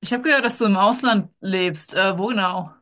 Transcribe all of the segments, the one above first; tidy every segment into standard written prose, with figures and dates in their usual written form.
Ich habe gehört, dass du im Ausland lebst. Wo genau?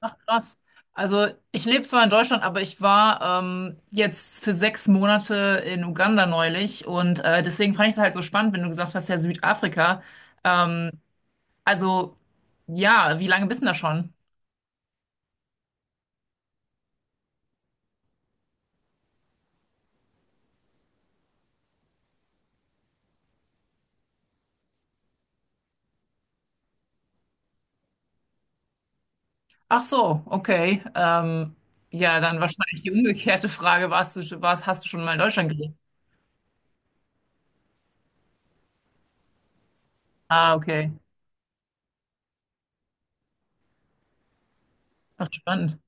Ach, krass. Also, ich lebe zwar in Deutschland, aber ich war jetzt für sechs Monate in Uganda neulich und deswegen fand ich es halt so spannend, wenn du gesagt hast, ja, Südafrika. Ähm, also, ja, wie lange bist du denn da schon? Ach so, okay. Ja, dann wahrscheinlich die umgekehrte Frage, hast du schon mal in Deutschland gelebt? Ah, okay. Ach, spannend.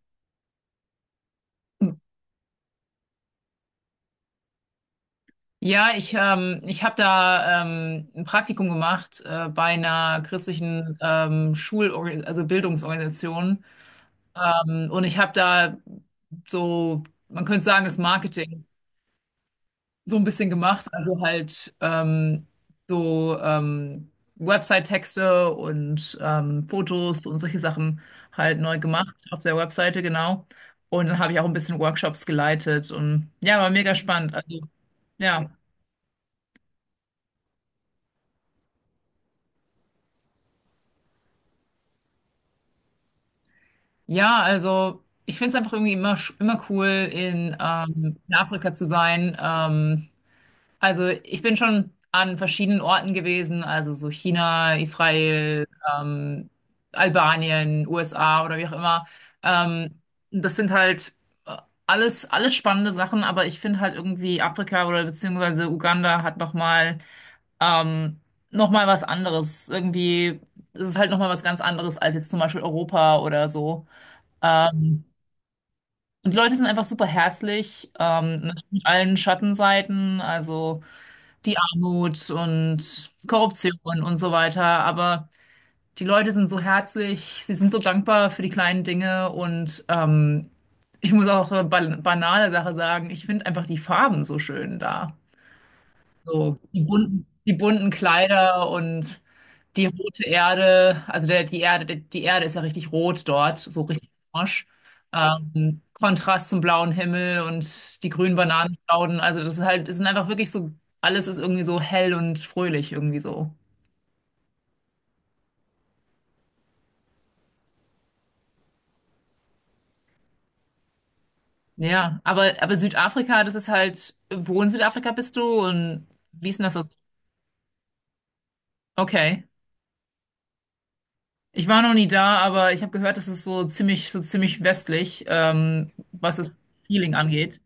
Ich habe da ein Praktikum gemacht bei einer christlichen also Bildungsorganisation. Und ich habe da so, man könnte sagen, das Marketing so ein bisschen gemacht. Also halt so ähm, Website-Texte und Fotos und solche Sachen halt neu gemacht auf der Webseite, genau. Und dann habe ich auch ein bisschen Workshops geleitet und ja, war mega spannend. Also ja. Ja, also ich finde es einfach irgendwie immer, immer cool, in Afrika zu sein. Also ich bin schon an verschiedenen Orten gewesen, also so China, Israel, ähm, Albanien, USA oder wie auch immer. Ähm, das sind halt äh, alles spannende Sachen, aber ich finde halt irgendwie Afrika oder beziehungsweise Uganda hat nochmal ähm, noch mal was anderes. Irgendwie ist es halt nochmal was ganz anderes als jetzt zum Beispiel Europa oder so. Ähm, und die Leute sind einfach super herzlich, natürlich mit allen Schattenseiten, also die Armut und Korruption und so weiter. Aber die Leute sind so herzlich, sie sind so dankbar für die kleinen Dinge und ich muss auch eine banale Sache sagen, ich finde einfach die Farben so schön da. So die bunten Kleider und die rote Erde, die Erde, die Erde ist ja richtig rot dort, so richtig orange. Kontrast zum blauen Himmel und die grünen Bananenstauden. Also das ist halt, es sind einfach wirklich so, alles ist irgendwie so hell und fröhlich irgendwie so. Ja, aber Südafrika, das ist halt, wo in Südafrika bist du und wie ist denn das so? Okay. Ich war noch nie da, aber ich habe gehört, das ist so ziemlich westlich, was das Feeling angeht.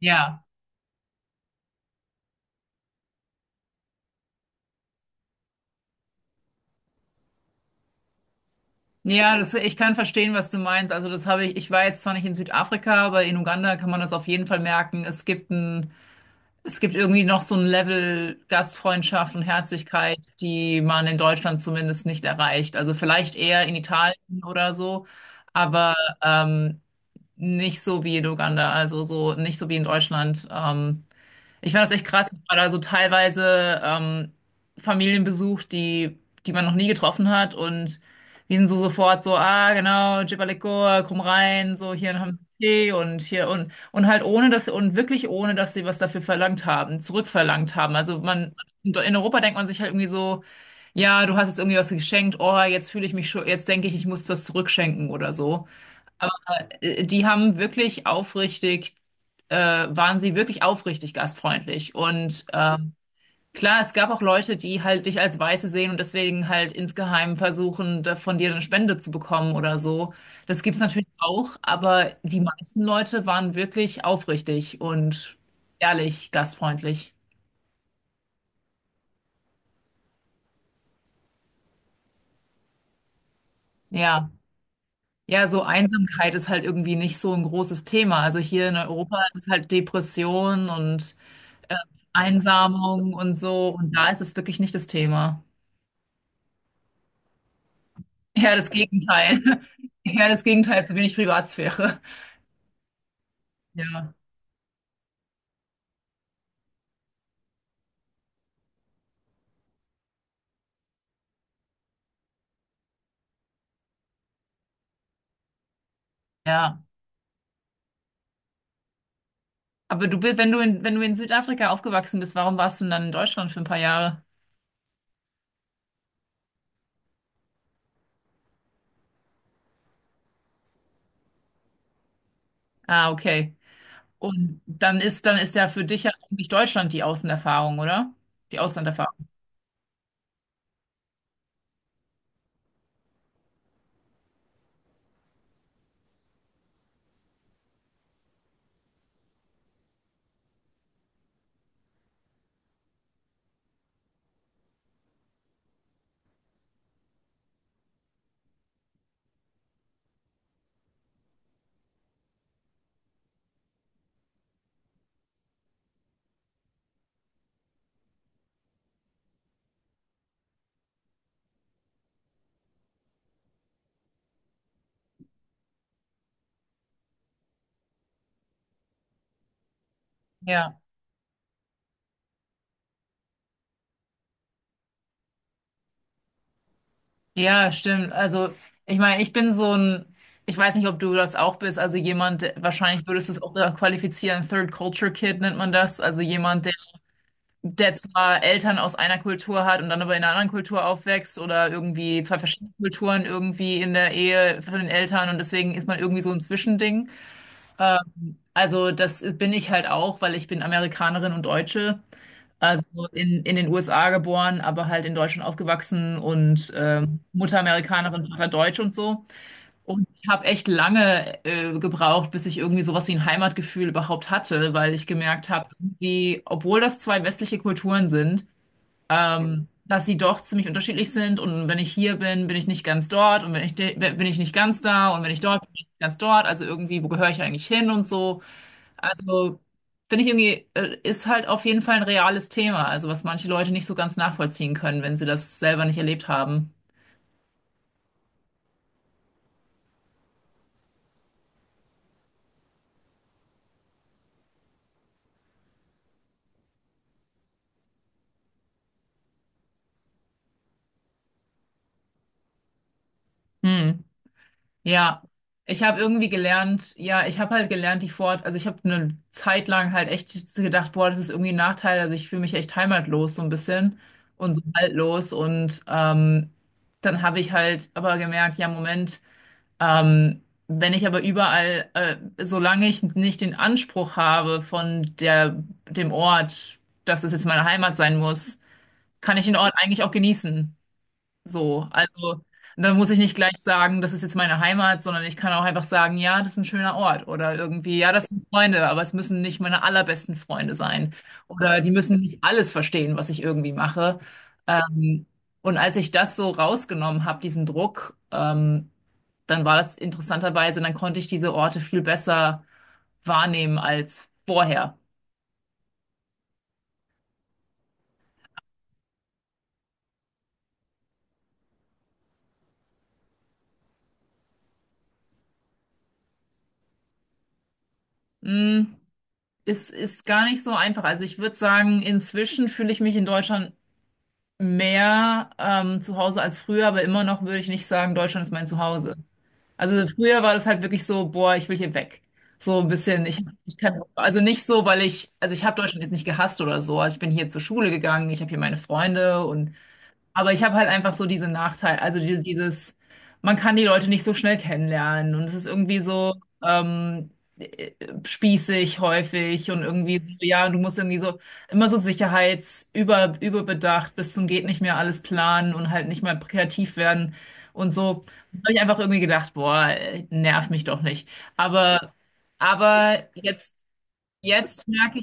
Ja, ja, das, ich kann verstehen, was du meinst. Also das habe ich, ich war jetzt zwar nicht in Südafrika, aber in Uganda kann man das auf jeden Fall merken. Es gibt irgendwie noch so ein Level Gastfreundschaft und Herzlichkeit, die man in Deutschland zumindest nicht erreicht. Also vielleicht eher in Italien oder so, aber ähm, nicht so wie in Uganda, also so nicht so wie in Deutschland. Ich fand das echt krass. Ich war da so teilweise Familien besucht, die man noch nie getroffen hat. Und die sind so sofort so, ah, genau, Jibalikoa, komm rein, so hier haben sie Tee und hier und halt ohne, dass wirklich ohne, dass sie was dafür verlangt haben, zurückverlangt haben. In Europa denkt man sich halt irgendwie so, ja, du hast jetzt irgendwie was geschenkt, oh, jetzt fühle ich mich schon, jetzt denke ich, ich muss das zurückschenken oder so. Aber die haben wirklich aufrichtig, waren sie wirklich aufrichtig gastfreundlich. Und klar, es gab auch Leute, die halt dich als Weiße sehen und deswegen halt insgeheim versuchen, da von dir eine Spende zu bekommen oder so. Das gibt's natürlich auch, aber die meisten Leute waren wirklich aufrichtig und ehrlich gastfreundlich. Ja. Ja, so Einsamkeit ist halt irgendwie nicht so ein großes Thema. Also hier in Europa ist es halt Depression und äh, Einsamung und so. Und da ist es wirklich nicht das Thema. Eher das Gegenteil. Eher das Gegenteil, zu wenig Privatsphäre. Ja, ja. Aber du bist, wenn du in Südafrika aufgewachsen bist, warum warst du denn dann in Deutschland für ein paar Jahre? Ah, okay. Und dann ist ja für dich ja eigentlich Deutschland die Außenerfahrung, oder? Die Auslanderfahrung. Ja. Ja, stimmt. Also, ich meine, ich bin so ein, ich weiß nicht, ob du das auch bist, also jemand, wahrscheinlich würdest du es auch da qualifizieren, Third Culture Kid nennt man das, also jemand, der zwar Eltern aus einer Kultur hat und dann aber in einer anderen Kultur aufwächst oder irgendwie zwei verschiedene Kulturen irgendwie in der Ehe von den Eltern und deswegen ist man irgendwie so ein Zwischending. Also das bin ich halt auch, weil ich bin Amerikanerin und Deutsche, also in den USA geboren, aber halt in Deutschland aufgewachsen und Mutter Amerikanerin, Vater Deutsch und so. Und ich habe echt lange gebraucht, bis ich irgendwie sowas wie ein Heimatgefühl überhaupt hatte, weil ich gemerkt habe, wie, obwohl das zwei westliche Kulturen sind, dass sie doch ziemlich unterschiedlich sind und wenn ich hier bin, bin ich nicht ganz dort und wenn ich bin ich nicht ganz da und wenn ich dort bin, bin ich nicht ganz dort, also irgendwie, wo gehöre ich eigentlich hin und so. Also finde ich irgendwie, ist halt auf jeden Fall ein reales Thema, also was manche Leute nicht so ganz nachvollziehen können, wenn sie das selber nicht erlebt haben. Hm. Ja, ich habe halt gelernt, also ich habe eine Zeit lang halt echt gedacht, boah, das ist irgendwie ein Nachteil, also ich fühle mich echt heimatlos so ein bisschen und so haltlos und dann habe ich halt aber gemerkt, ja, Moment, ähm, wenn ich aber überall, solange ich nicht den Anspruch habe dem Ort, dass es jetzt meine Heimat sein muss, kann ich den Ort eigentlich auch genießen. So, also da muss ich nicht gleich sagen, das ist jetzt meine Heimat, sondern ich kann auch einfach sagen, ja, das ist ein schöner Ort oder irgendwie, ja, das sind Freunde, aber es müssen nicht meine allerbesten Freunde sein oder die müssen nicht alles verstehen, was ich irgendwie mache. Ähm, und als ich das so rausgenommen habe, diesen Druck, dann war das interessanterweise, dann konnte ich diese Orte viel besser wahrnehmen als vorher. Hm, ist gar nicht so einfach. Also ich würde sagen, inzwischen fühle ich mich in Deutschland mehr zu Hause als früher, aber immer noch würde ich nicht sagen, Deutschland ist mein Zuhause. Also früher war das halt wirklich so, boah, ich will hier weg. So ein bisschen, ich kann, also nicht so, weil ich, also ich habe Deutschland jetzt nicht gehasst oder so. Also ich bin hier zur Schule gegangen, ich habe hier meine Freunde und aber ich habe halt einfach so diesen Nachteil, man kann die Leute nicht so schnell kennenlernen und es ist irgendwie so ähm, äh, spießig häufig und irgendwie, so, ja, du musst irgendwie so immer so sicherheitsüber überbedacht bis zum geht nicht mehr alles planen und halt nicht mehr kreativ werden und so. Da habe ich einfach irgendwie gedacht, boah, nerv mich doch nicht. Aber, aber jetzt, jetzt merke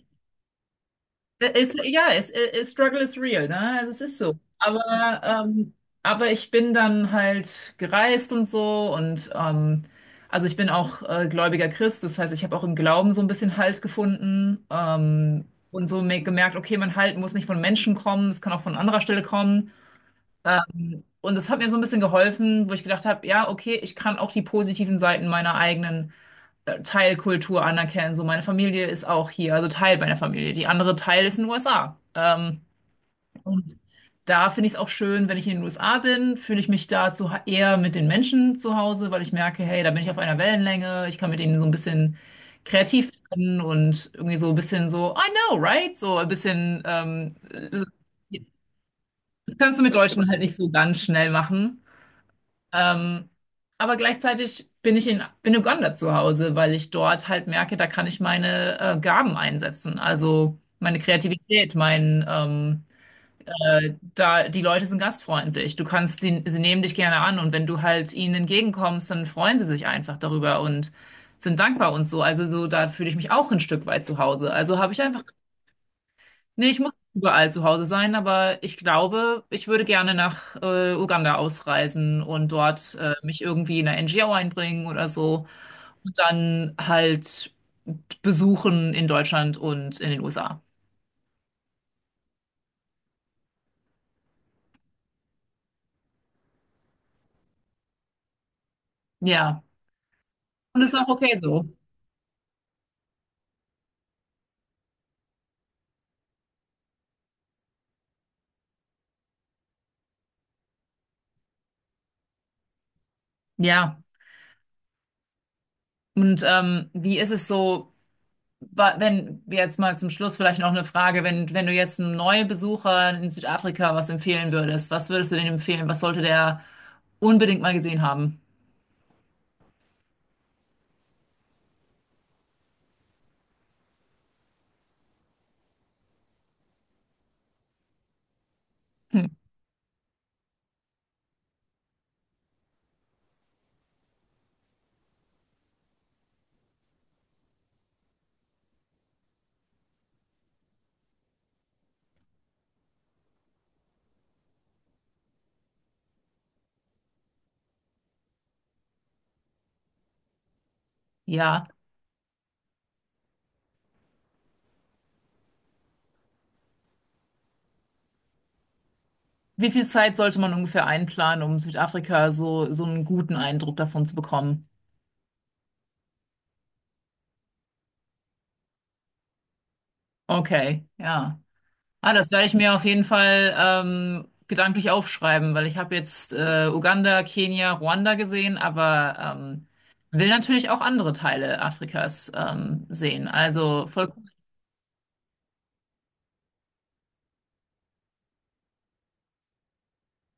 es ist, Struggle is real, ne? Also es ist so. Aber, aber ich bin dann halt gereist und so und also ich bin auch gläubiger Christ, das heißt, ich habe auch im Glauben so ein bisschen Halt gefunden und so gemerkt, okay, mein Halt muss nicht von Menschen kommen, es kann auch von anderer Stelle kommen. Und es hat mir so ein bisschen geholfen, wo ich gedacht habe, ja, okay, ich kann auch die positiven Seiten meiner eigenen Teilkultur anerkennen. So, meine Familie ist auch hier, also Teil meiner Familie. Die andere Teil ist in den USA. Und da finde ich es auch schön, wenn ich in den USA bin, fühle ich mich eher mit den Menschen zu Hause, weil ich merke, hey, da bin ich auf einer Wellenlänge, ich kann mit denen so ein bisschen kreativ werden und irgendwie so ein bisschen so, I know, right? So ein bisschen, das kannst du mit Deutschen halt nicht so ganz schnell machen. Ähm, aber gleichzeitig bin Uganda zu Hause, weil ich dort halt merke, da kann ich meine Gaben einsetzen. Also meine Kreativität, mein, da, die Leute sind gastfreundlich. Du kannst, sie nehmen dich gerne an und wenn du halt ihnen entgegenkommst, dann freuen sie sich einfach darüber und sind dankbar und so. Also so, da fühle ich mich auch ein Stück weit zu Hause. Also habe ich einfach Nee, ich muss nicht überall zu Hause sein, aber ich glaube, ich würde gerne nach Uganda ausreisen und dort mich irgendwie in eine NGO einbringen oder so und dann halt besuchen in Deutschland und in den USA. Ja, und ist auch okay so. Ja, und wie ist es so, wenn wir jetzt mal zum Schluss vielleicht noch eine Frage, wenn du jetzt einem Neubesucher in Südafrika was empfehlen würdest, was würdest du denen empfehlen? Was sollte der unbedingt mal gesehen haben? Hm. Ja. Wie viel Zeit sollte man ungefähr einplanen, um Südafrika so einen guten Eindruck davon zu bekommen? Okay, ja. Ah, das werde ich mir auf jeden Fall gedanklich aufschreiben, weil ich habe jetzt Uganda, Kenia, Ruanda gesehen, aber will natürlich auch andere Teile Afrikas sehen. Also voll cool.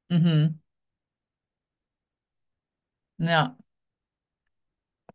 Mhm. Ja.